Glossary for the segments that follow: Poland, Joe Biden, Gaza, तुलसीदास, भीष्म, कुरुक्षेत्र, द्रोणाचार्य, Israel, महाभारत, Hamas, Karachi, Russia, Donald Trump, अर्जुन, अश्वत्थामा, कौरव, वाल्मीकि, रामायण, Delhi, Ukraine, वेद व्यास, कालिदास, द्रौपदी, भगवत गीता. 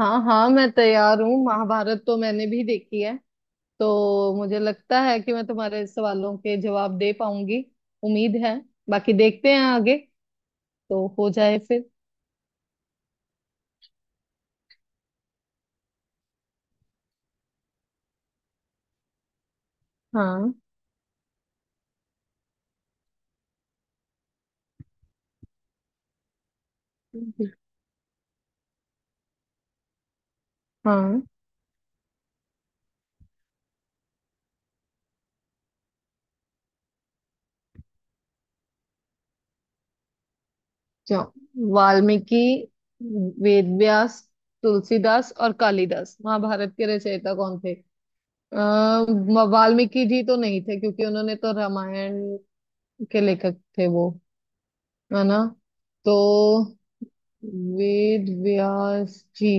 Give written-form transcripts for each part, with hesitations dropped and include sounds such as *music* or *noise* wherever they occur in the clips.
हाँ हाँ, मैं तैयार हूँ। महाभारत तो मैंने भी देखी है, तो मुझे लगता है कि मैं तुम्हारे सवालों के जवाब दे पाऊंगी। उम्मीद है। बाकी देखते हैं आगे। तो हो जाए फिर। हाँ हाँ। जाओ। वाल्मीकि, वेद व्यास, तुलसीदास और कालिदास, महाभारत के रचयिता कौन थे? आ, वाल्मीकि जी तो नहीं थे क्योंकि उन्होंने तो रामायण के लेखक थे वो, है ना। तो वेद व्यास जी,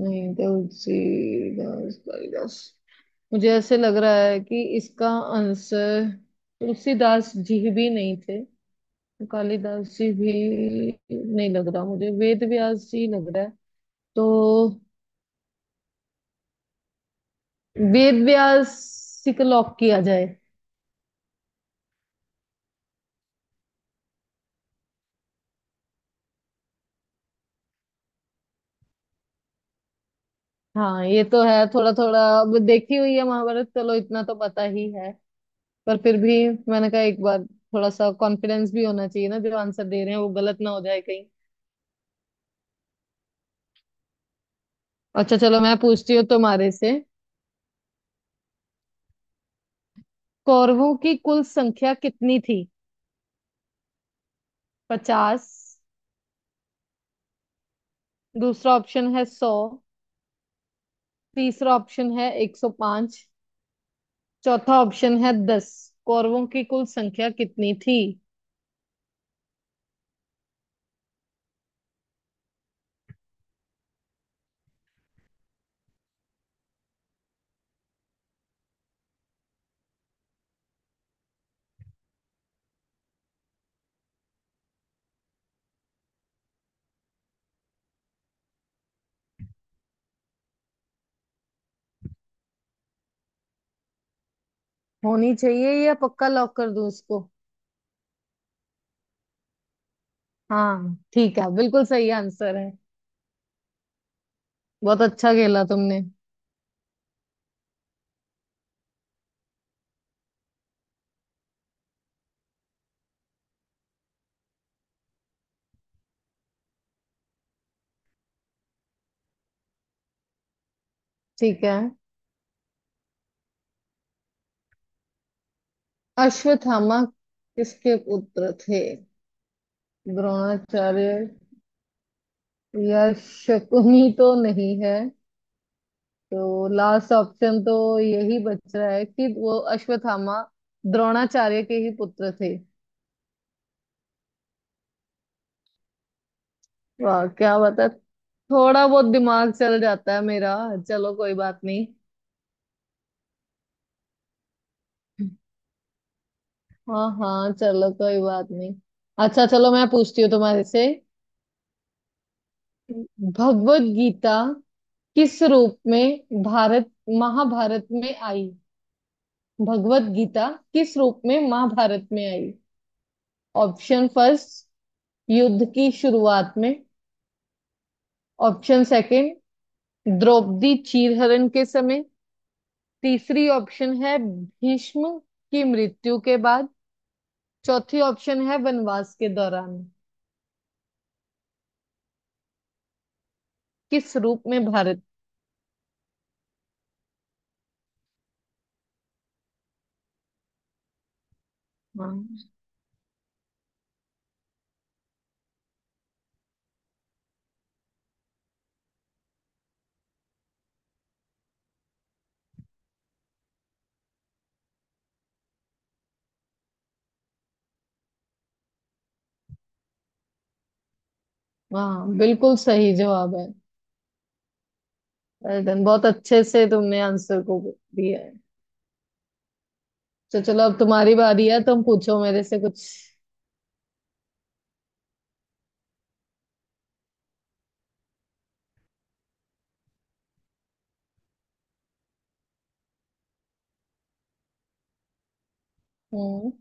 नहीं, तुलसीदास, कालिदास, मुझे ऐसे लग रहा है कि इसका आंसर तुलसीदास जी भी नहीं थे, कालिदास जी भी नहीं लग रहा मुझे, वेद व्यास जी लग रहा है। तो वेद व्यास जी को लॉक किया जाए। हाँ, ये तो है। थोड़ा थोड़ा अब देखी हुई है महाभारत, चलो इतना तो पता ही है। पर फिर भी मैंने कहा एक बार थोड़ा सा कॉन्फिडेंस भी होना चाहिए ना, जो आंसर दे रहे हैं वो गलत ना हो जाए। अच्छा चलो, मैं पूछती हूँ तुम्हारे से। कौरवों की कुल संख्या कितनी थी? 50। दूसरा ऑप्शन है 100। तीसरा ऑप्शन है 105। चौथा ऑप्शन है 10। कौरवों की कुल संख्या कितनी थी? होनी चाहिए, या पक्का लॉक कर दूं इसको? हाँ ठीक है, बिल्कुल सही आंसर है। बहुत अच्छा खेला तुमने। ठीक है। अश्वत्थामा किसके पुत्र थे? द्रोणाचार्य या शकुनी तो नहीं है, तो लास्ट ऑप्शन तो यही बच रहा है कि वो अश्वत्थामा द्रोणाचार्य के ही पुत्र थे। वाह क्या बता। थोड़ा बहुत दिमाग चल जाता है मेरा। चलो कोई बात नहीं। हाँ हाँ, चलो कोई बात नहीं। अच्छा चलो, मैं पूछती हूँ तुम्हारे से। भगवत गीता किस रूप में भारत, महाभारत में आई? भगवत गीता किस रूप में महाभारत में आई? ऑप्शन फर्स्ट, युद्ध की शुरुआत में। ऑप्शन सेकंड, द्रौपदी चीरहरण के समय। तीसरी ऑप्शन है भीष्म की मृत्यु के बाद। चौथी ऑप्शन है वनवास के दौरान। किस रूप में भारत। हाँ हाँ, बिल्कुल सही जवाब है। वेल डन, बहुत अच्छे से तुमने आंसर को दिया है। तो चलो, अब तुम्हारी बारी है, तुम पूछो मेरे से कुछ। हम्म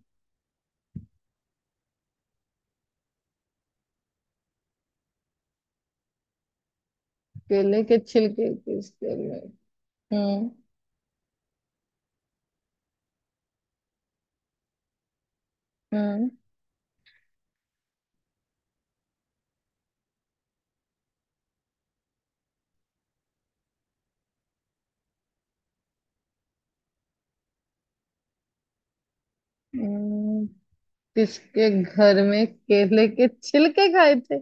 केले के छिलके किसके लिए? हम्म हम्म। हम्म, किसके घर में केले के छिलके खाए थे?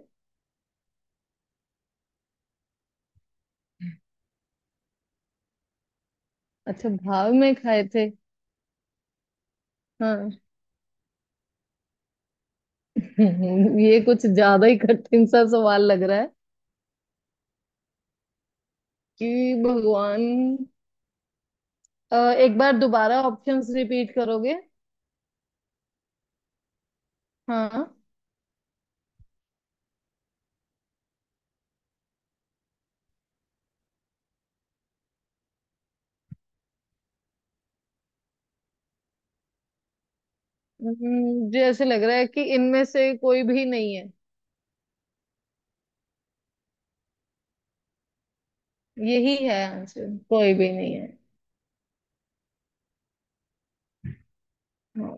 अच्छा, भाव में खाए थे। हाँ *laughs* ये कुछ ज्यादा ही कठिन सा सवाल लग रहा है। कि भगवान, अ, एक बार दोबारा ऑप्शंस रिपीट करोगे? हाँ। मुझे ऐसे लग रहा है कि इनमें से कोई भी नहीं है। यही है आंसर, कोई भी नहीं है। हाँ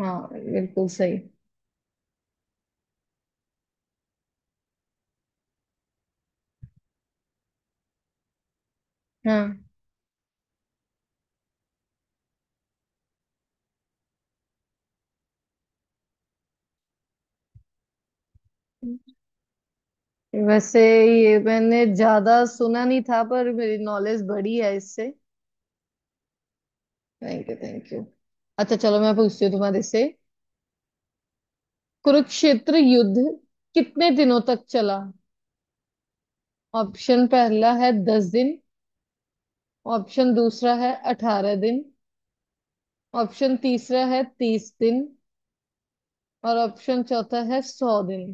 हाँ, बिल्कुल सही। हाँ। वैसे, ये मैंने ज्यादा सुना नहीं था, पर मेरी नॉलेज बढ़ी है इससे। Thank you, thank you. अच्छा चलो, मैं पूछती हूँ तुम्हारे से। कुरुक्षेत्र युद्ध कितने दिनों तक चला? ऑप्शन पहला है 10 दिन। ऑप्शन दूसरा है 18 दिन। ऑप्शन तीसरा है 30 दिन। और ऑप्शन चौथा है 100 दिन।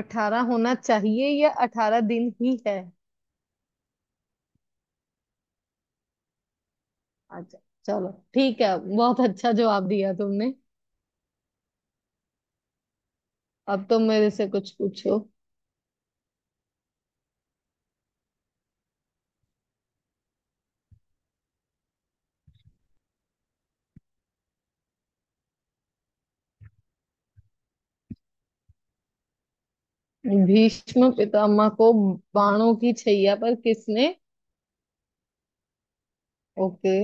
18 होना चाहिए, या 18 दिन ही है? अच्छा चलो ठीक है, बहुत अच्छा जवाब दिया तुमने। अब तो मेरे से कुछ पूछो। भीष्म पितामह को बाणों की छैया पर किसने? ओके।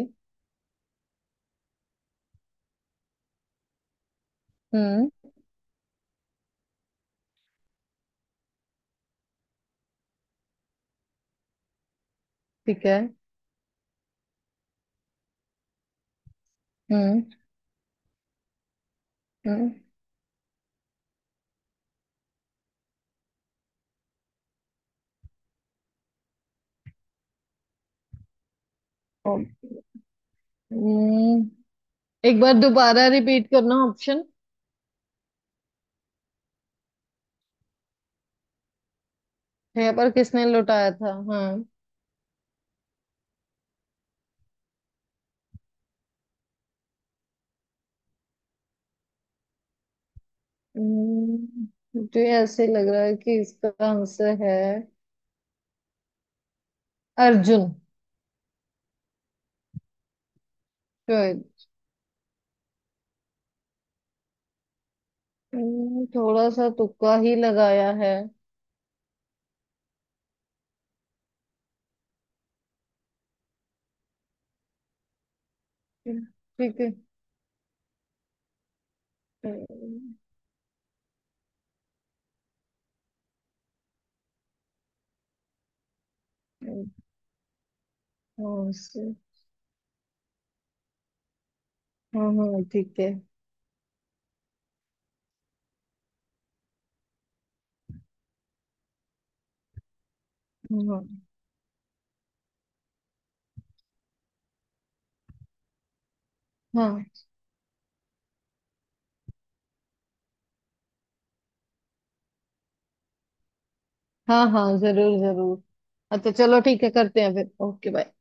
हम्म। ठीक है। हम्म। हम्म। ओ- हम्म। एक बार दोबारा रिपीट करना ऑप्शन। है, पर किसने लुटाया था? हाँ। हम्म, मुझे ऐसे लग रहा है कि इसका आंसर है अर्जुन। शायद। थोड़ा सा तुक्का ही लगाया है। ठीक है। हम्म। हाँ से- हाँ हाँ, ठीक है। हाँ हाँ हाँ। हाँ हाँ, जरूर जरूर। अच्छा चलो ठीक है, करते हैं फिर। Okay, bye.